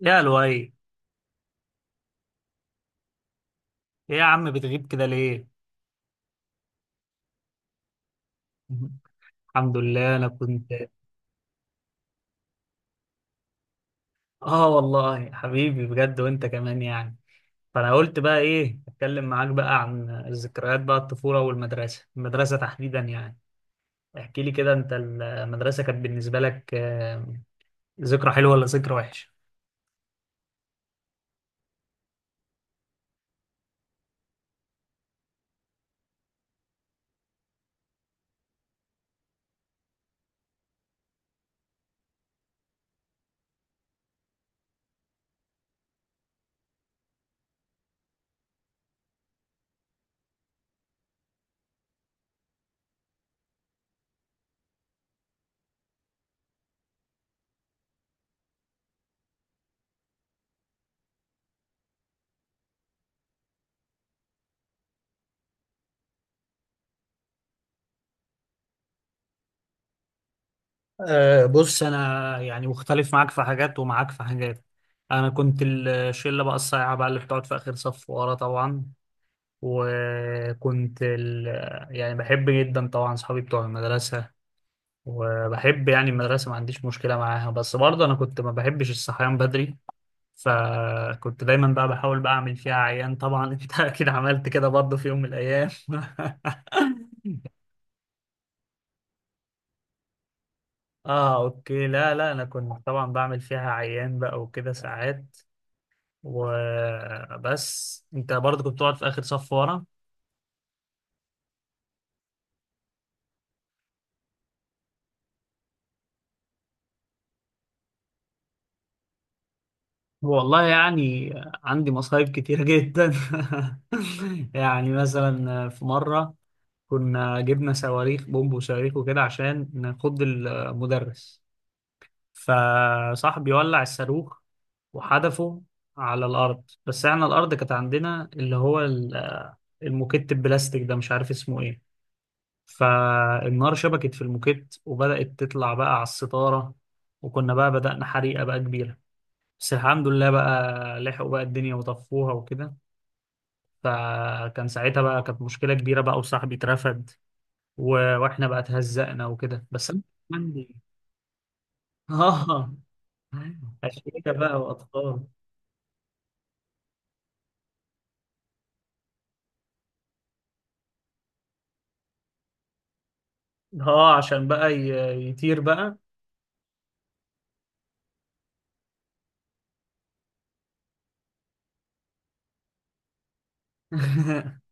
يا لؤي، ايه؟ يا عم، بتغيب كده ليه؟ الحمد لله، انا كنت. اه والله حبيبي، بجد، وانت كمان يعني. فانا قلت بقى ايه، اتكلم معاك بقى عن الذكريات بقى، الطفوله والمدرسه، المدرسه تحديدا يعني. احكي لي كده، انت المدرسه كانت بالنسبه لك ذكرى حلوه ولا ذكرى وحشه؟ أه، بص، انا يعني مختلف معاك في حاجات ومعاك في حاجات. انا كنت الشله بقى الصايعه بقى اللي بتقعد في اخر صف ورا طبعا. وكنت ال... يعني بحب جدا طبعا صحابي بتوع المدرسة، وبحب يعني المدرسة، ما عنديش مشكلة معاها. بس برضه أنا كنت ما بحبش الصحيان بدري، فكنت دايما بقى بحاول بقى أعمل فيها عيان طبعا. أنت أكيد عملت كده برضه في يوم من الأيام. اه اوكي، لا لا، انا كنت طبعا بعمل فيها عيان بقى وكده ساعات. وبس انت برضه كنت بتقعد في اخر صف ورا. والله يعني عندي مصايب كتيرة جدا. يعني مثلا في مرة كنا جبنا صواريخ بومب وصواريخ وكده عشان نخض المدرس، فصاحبي ولع الصاروخ وحدفه على الأرض. بس احنا الأرض كانت عندنا اللي هو الموكيت البلاستيك ده، مش عارف اسمه ايه. فالنار شبكت في الموكيت وبدأت تطلع بقى على الستارة، وكنا بقى بدأنا حريقة بقى كبيرة. بس الحمد لله بقى لحقوا بقى الدنيا وطفوها وكده. فكان ساعتها بقى كانت مشكلة كبيرة بقى وصاحبي اترفد. و... واحنا بقى اتهزقنا وكده. بس أنا كان عندي اه أشركة بقى وأطفال. اه عشان بقى يطير بقى.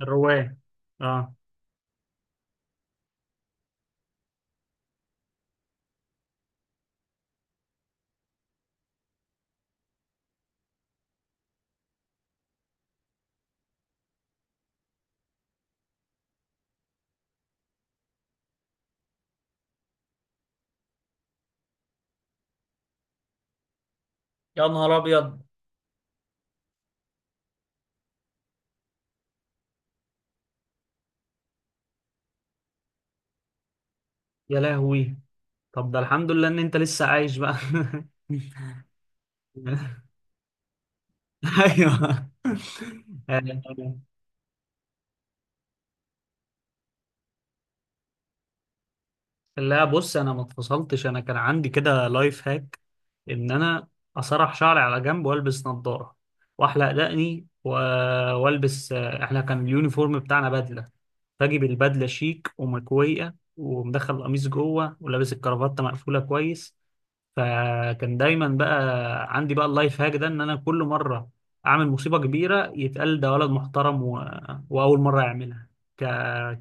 الرواية. اه. يا نهار ابيض. يا لهوي، طب ده الحمد لله ان انت لسه عايش بقى. ايوه. آه، لا بص، انا ما اتفصلتش. انا كان عندي كده لايف هاك ان انا اسرح شعري على جنب والبس نظارة واحلق دقني والبس، احنا كان اليونيفورم بتاعنا بدلة، فاجيب البدلة شيك ومكوية ومدخل القميص جوه ولابس الكرافتة مقفولة كويس. فكان دايما بقى عندي بقى اللايف هاك ده، ان انا كل مره اعمل مصيبه كبيره يتقال ده ولد محترم، واول مره يعملها ك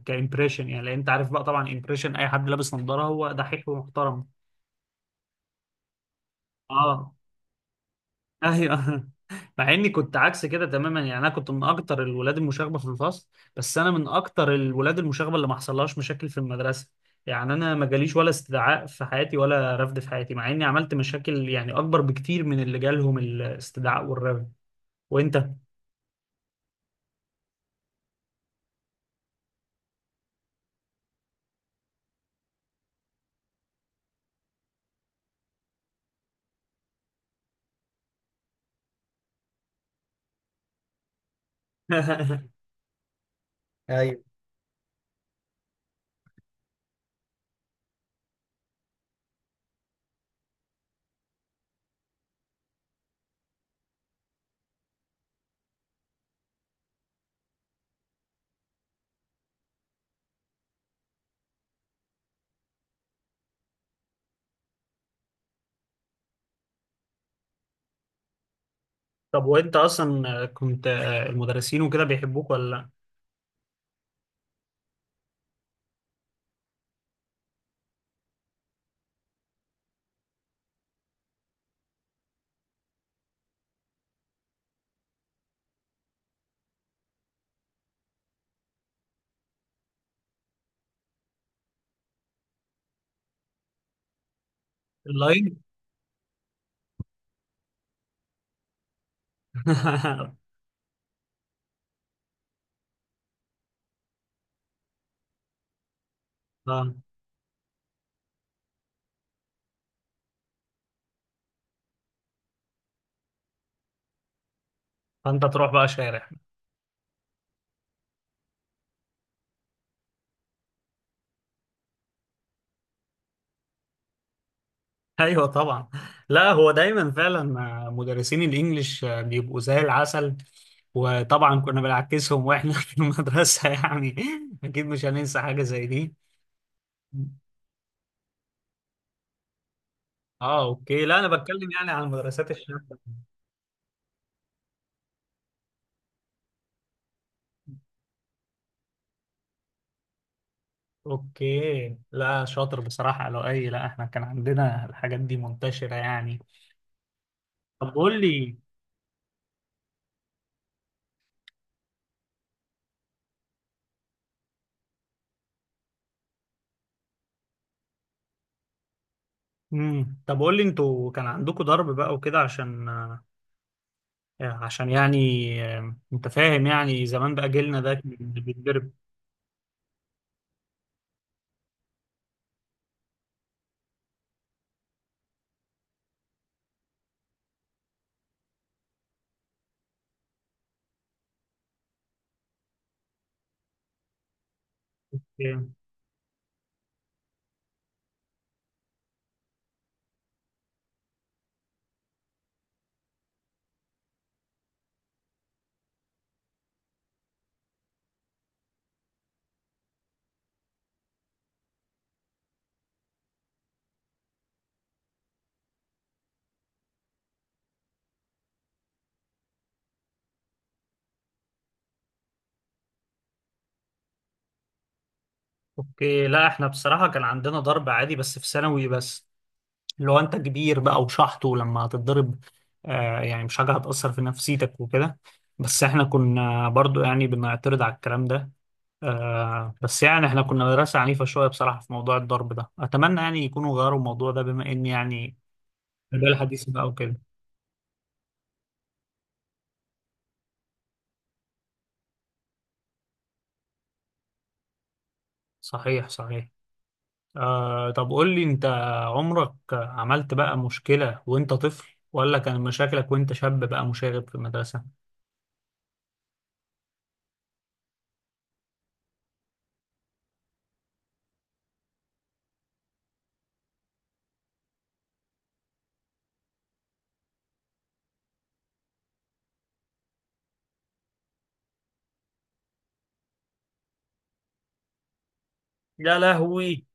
كامبريشن يعني، لان انت عارف بقى طبعا امبريشن اي حد لابس نظاره هو دحيح ومحترم. اه ايوه. مع اني كنت عكس كده تماما يعني. انا كنت من اكتر الولاد المشاغبه في الفصل، بس انا من اكتر الولاد المشاغبه اللي ما حصلهاش مشاكل في المدرسه. يعني انا ما جاليش ولا استدعاء في حياتي ولا رفض في حياتي، مع اني عملت مشاكل يعني اكبر بكتير من اللي جالهم الاستدعاء والرفض. وانت؟ ايوه. طب وانت اصلا كنت المدرسين وكده بيحبوك ولا لا؟ اللاين. اه، فانت تروح بقى شارع. ايوه طبعا. لا هو دايما فعلا مدرسين الانجليش بيبقوا زي العسل. وطبعا كنا بنعكسهم واحنا في المدرسه يعني. اكيد مش هننسى حاجه زي دي. اه اوكي، لا انا بتكلم يعني عن المدرسات الشاذة. اوكي، لا شاطر بصراحه. لو اي، لا احنا كان عندنا الحاجات دي منتشره يعني. طب قول لي. طب قول لي، انتوا كان عندكم ضرب بقى وكده عشان عشان يعني انت فاهم، يعني زمان بقى جيلنا ده كان بيتضرب. اوكي، لا احنا بصراحة كان عندنا ضرب عادي بس في ثانوي بس، اللي هو انت كبير بقى وشحط، ولما هتتضرب آه يعني مش حاجة هتأثر في نفسيتك وكده. بس احنا كنا برضو يعني بنعترض على الكلام ده. آه بس يعني احنا كنا مدرسة عنيفة شوية بصراحة في موضوع الضرب ده، اتمنى يعني يكونوا غيروا الموضوع ده بما ان يعني البيئة الحديثة بقى وكده. صحيح صحيح. آه طب قول لي انت، عمرك عملت بقى مشكلة وانت طفل، ولا كان مشاكلك وانت شاب بقى مشاغب في المدرسة؟ يا لهوي.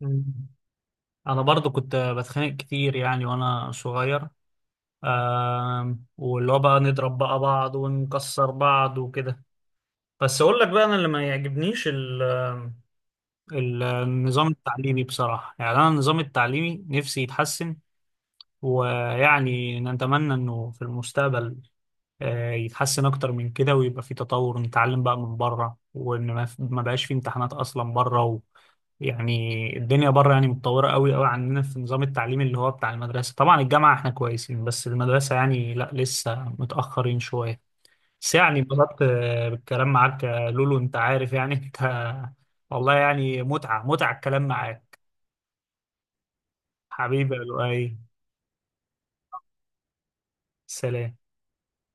مم. انا برضو كنت بتخانق كتير يعني وانا صغير، واللي هو بقى نضرب بقى بعض ونكسر بعض وكده. بس اقول لك بقى، انا اللي ما يعجبنيش النظام التعليمي بصراحة. يعني انا النظام التعليمي نفسي يتحسن، ويعني نتمنى انه في المستقبل يتحسن اكتر من كده، ويبقى في تطور، نتعلم بقى من بره وان ما بقاش في امتحانات اصلا بره. يعني الدنيا بره يعني متطورة قوي قوي عننا في نظام التعليم، اللي هو بتاع المدرسة طبعا. الجامعة احنا كويسين بس المدرسة يعني لا، لسه متأخرين شوية. بس يعني انبسطت بالكلام معاك يا لولو، انت عارف يعني. انت والله يعني متعة متعة الكلام معاك، حبيبي يا لؤي. سلام.